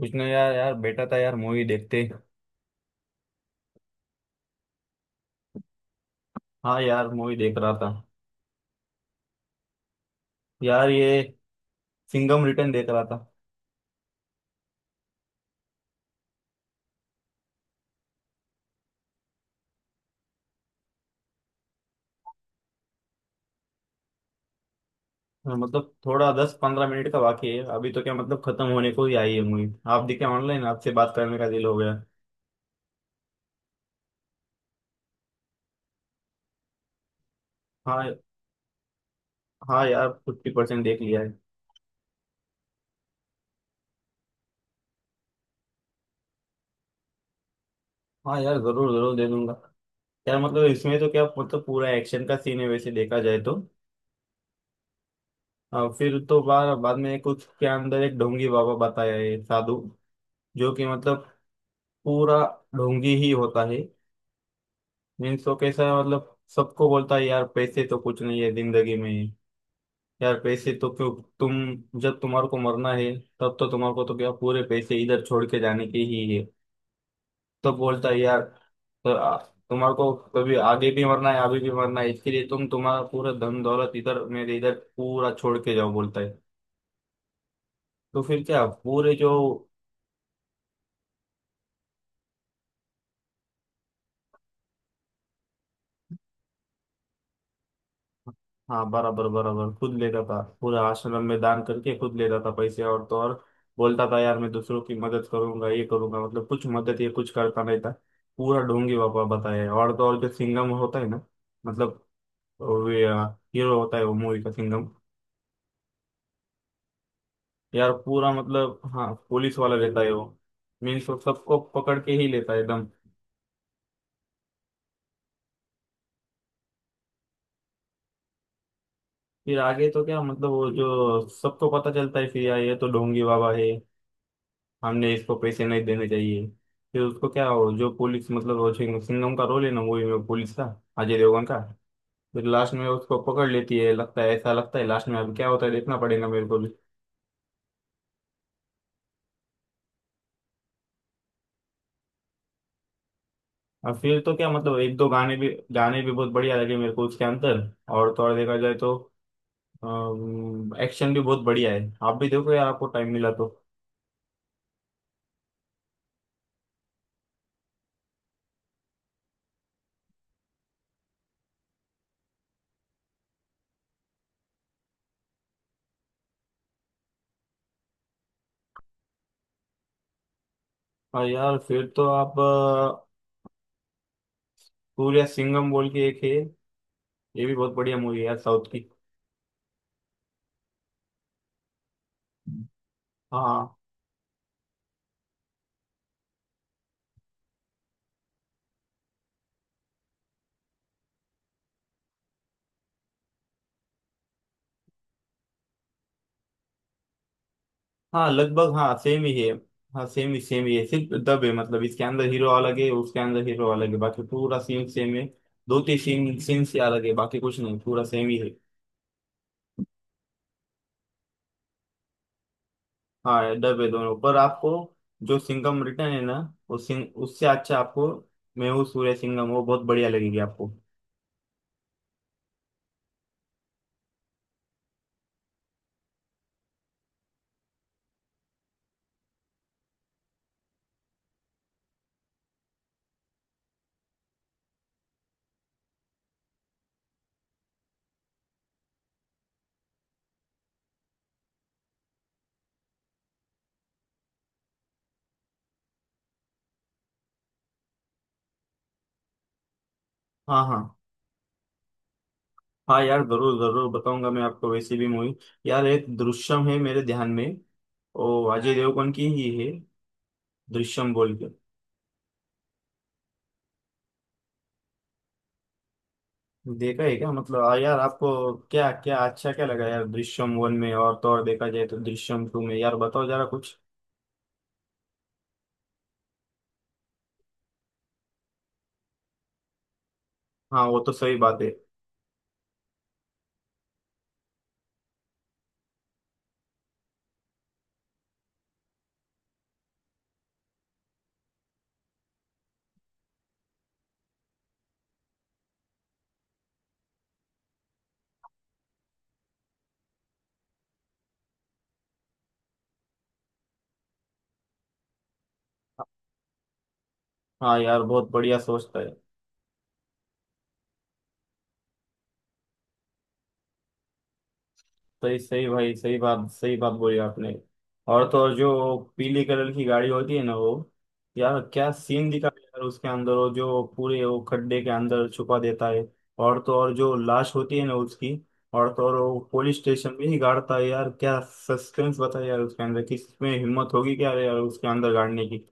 कुछ ना यार यार बेटा था यार मूवी देखते। हाँ यार मूवी देख रहा था। यार ये सिंघम रिटर्न देख रहा था। हाँ, मतलब थोड़ा 10-15 मिनट का बाकी है, अभी तो क्या मतलब खत्म होने को ही आई है मूवी। आप देखे ऑनलाइन, आपसे बात करने का दिल हो गया। हाँ, हाँ यार 50% देख लिया है। हाँ यार जरूर जरूर दे दूंगा। यार मतलब इसमें तो क्या मतलब पूरा एक्शन का सीन है, वैसे देखा जाए तो। फिर तो बार बाद में कुछ के अंदर एक ढोंगी बाबा बताया है साधु, जो कि मतलब पूरा ढोंगी ही होता है। मीन्स वो कैसा है, मतलब सबको बोलता है, यार पैसे तो कुछ नहीं है जिंदगी में। यार पैसे तो क्यों, तुम जब तुम्हारे को मरना है तब तो तुम्हारे को तो क्या पूरे पैसे इधर छोड़ के जाने के ही है, तब बोलता है यार। तो आ- तुम्हारे को कभी आगे भी मरना है, अभी भी मरना है, इसके लिए तुम तुम्हारा पूरा धन दौलत इधर मेरे इधर पूरा छोड़ के जाओ, बोलता है। तो फिर क्या पूरे जो। हाँ बराबर बराबर, खुद लेता था पूरा, आश्रम में दान करके खुद लेता था पैसे। और तो और बोलता था यार, मैं दूसरों की मदद करूंगा, ये करूंगा, मतलब कुछ मदद ये कुछ करता नहीं था। पूरा ढोंगी बाबा बताया। और तो और जो सिंघम होता है ना, मतलब वे हीरो होता है वो, मूवी का सिंघम। यार पूरा मतलब, हाँ पुलिस वाला रहता है वो। मीन्स वो सबको पकड़ के ही लेता है एकदम। फिर आगे तो क्या मतलब वो जो सबको पता चलता है फिर यार, ये तो ढोंगी बाबा है, हमने इसको पैसे नहीं देने चाहिए। फिर उसको क्या हो, जो पुलिस मतलब वो सिंघम का रोल है ना मूवी में पुलिस का, अजय देवगन का। फिर लास्ट में उसको पकड़ लेती है, लगता है ऐसा, लगता है लास्ट में। अब क्या होता है देखना पड़ेगा मेरे को भी। और फिर तो क्या मतलब एक दो गाने भी बहुत बढ़िया लगे मेरे को उसके अंदर। और थोड़ा देखा जाए तो एक्शन भी बहुत बढ़िया है, आप भी देखो यार, आपको टाइम मिला तो। और यार फिर तो आप सूर्या सिंघम बोल के एक है, ये भी बहुत बढ़िया मूवी है यार, साउथ की। हाँ। हाँ लगभग, हाँ सेम ही है। हाँ सेम ही है, सिर्फ दब है, मतलब इसके अंदर हीरो अलग है, उसके अंदर हीरो अलग है, बाकी पूरा सीन सेम है। दो तीन सीन सीन से अलग है, बाकी कुछ नहीं पूरा सेम ही है। हाँ डब है दोनों, पर आपको जो सिंघम रिटर्न है ना, वो सिंग, उससे अच्छा आपको, मैं हूँ सूर्य सिंघम, वो बहुत बढ़िया लगेगी आपको। हाँ हाँ। हाँ यार जरूर जरूर बताऊंगा मैं आपको वैसी भी मूवी। यार एक दृश्यम है मेरे ध्यान में, ओ अजय देवगन की ही है, दृश्यम बोल के। देखा है क्या, मतलब आ यार आपको क्या क्या अच्छा क्या लगा यार दृश्यम वन में, और तो और देखा जाए तो दृश्यम टू में, यार बताओ जरा कुछ। हाँ वो तो सही बात है। हाँ यार बहुत बढ़िया सोचता है, सही सही भाई, सही बात बोली आपने। और तो और जो पीले कलर की गाड़ी होती है ना वो, यार क्या सीन दिखा है यार उसके अंदर, वो जो पूरे वो खड्डे के अंदर छुपा देता है। और तो और जो लाश होती है ना उसकी, और तो और वो पुलिस स्टेशन में ही गाड़ता है, यार क्या सस्पेंस बताया यार उसके अंदर, किसमें हिम्मत होगी क्या यार उसके अंदर गाड़ने की।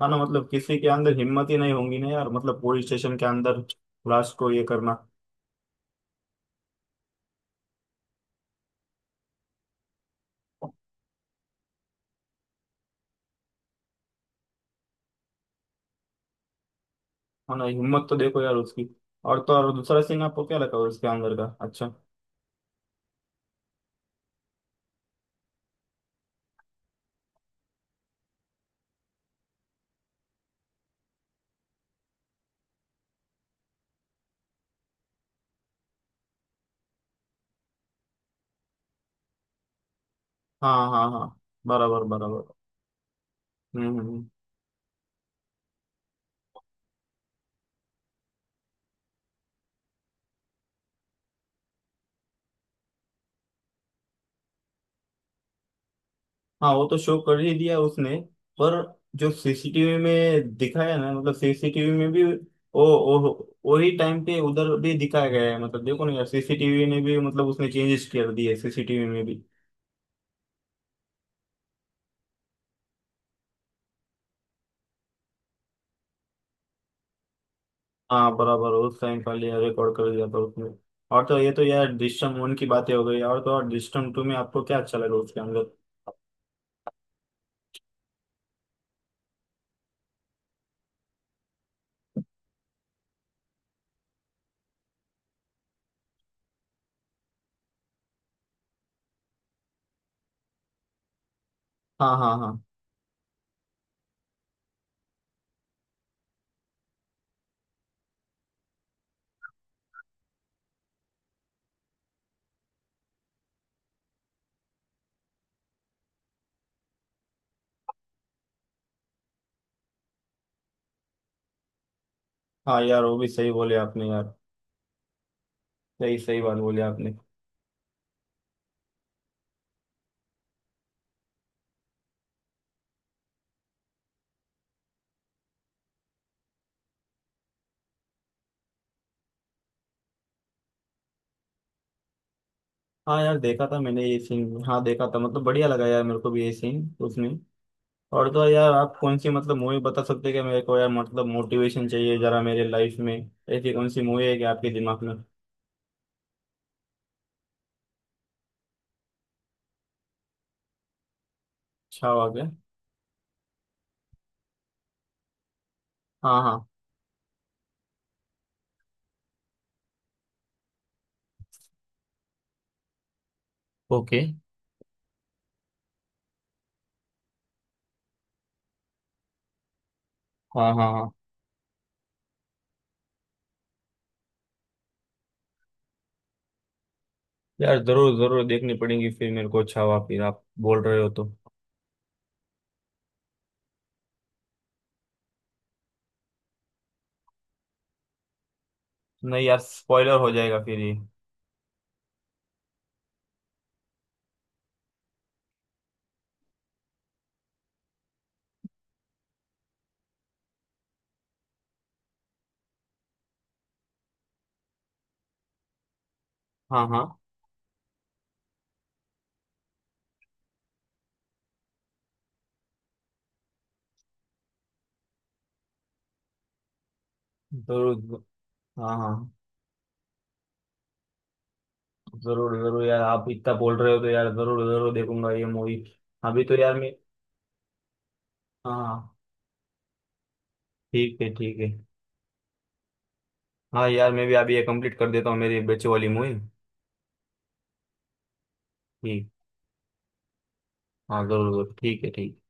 हाँ ना मतलब किसी के अंदर हिम्मत ही नहीं होगी ना यार, मतलब पुलिस स्टेशन के अंदर लाश को ये करना। हाँ ना, हिम्मत तो देखो यार उसकी। और तो और दूसरा सीन आपको क्या लगा उसके अंदर का, अच्छा। हाँ हाँ हाँ, बराबर बराबर। हम्म हम्म हम्म। हाँ वो तो शो कर ही दिया उसने, पर जो सीसीटीवी में दिखाया ना, मतलब सीसीटीवी में भी वो वो वही टाइम पे उधर भी दिखाया गया है, मतलब देखो ना यार, सीसीटीवी ने भी मतलब उसने चेंजेस कर दिए सीसीटीवी में भी। हाँ बराबर, उस टाइम का लिया रिकॉर्ड कर दिया था उसने। और तो ये तो यार दृश्यम वन की बातें हो गई, और तो और दृश्यम टू में आपको क्या अच्छा लगा उसके अंदर। हाँ हाँ हाँ। हाँ यार वो भी सही बोले आपने यार, सही सही बात बोली आपने। हाँ यार देखा था मैंने ये सीन, हाँ देखा था, मतलब बढ़िया लगा यार मेरे को भी ये सीन उसमें। और तो यार आप कौन सी मतलब मूवी बता सकते हैं क्या मेरे को यार, मतलब मोटिवेशन चाहिए जरा मेरे लाइफ में, ऐसी कौन सी मूवी है कि आपके दिमाग में। अच्छा हुआ क्या। हाँ हाँ। ओके। हाँ हाँ हाँ यार जरूर जरूर देखनी पड़ेगी फिर मेरे को, अच्छा हुआ फिर आप बोल रहे हो तो। नहीं यार स्पॉइलर हो जाएगा फिर ये। हाँ हाँ जरूर। हाँ हाँ जरूर जरूर यार आप इतना बोल रहे हो तो यार जरूर जरूर देखूंगा ये मूवी। अभी तो यार मैं। हाँ। ठीक है ठीक है। हाँ यार मैं भी अभी ये कंप्लीट कर देता हूँ मेरी बच्चों वाली मूवी। ठीक। हाँ जरूर जरूर ठीक है ठीक।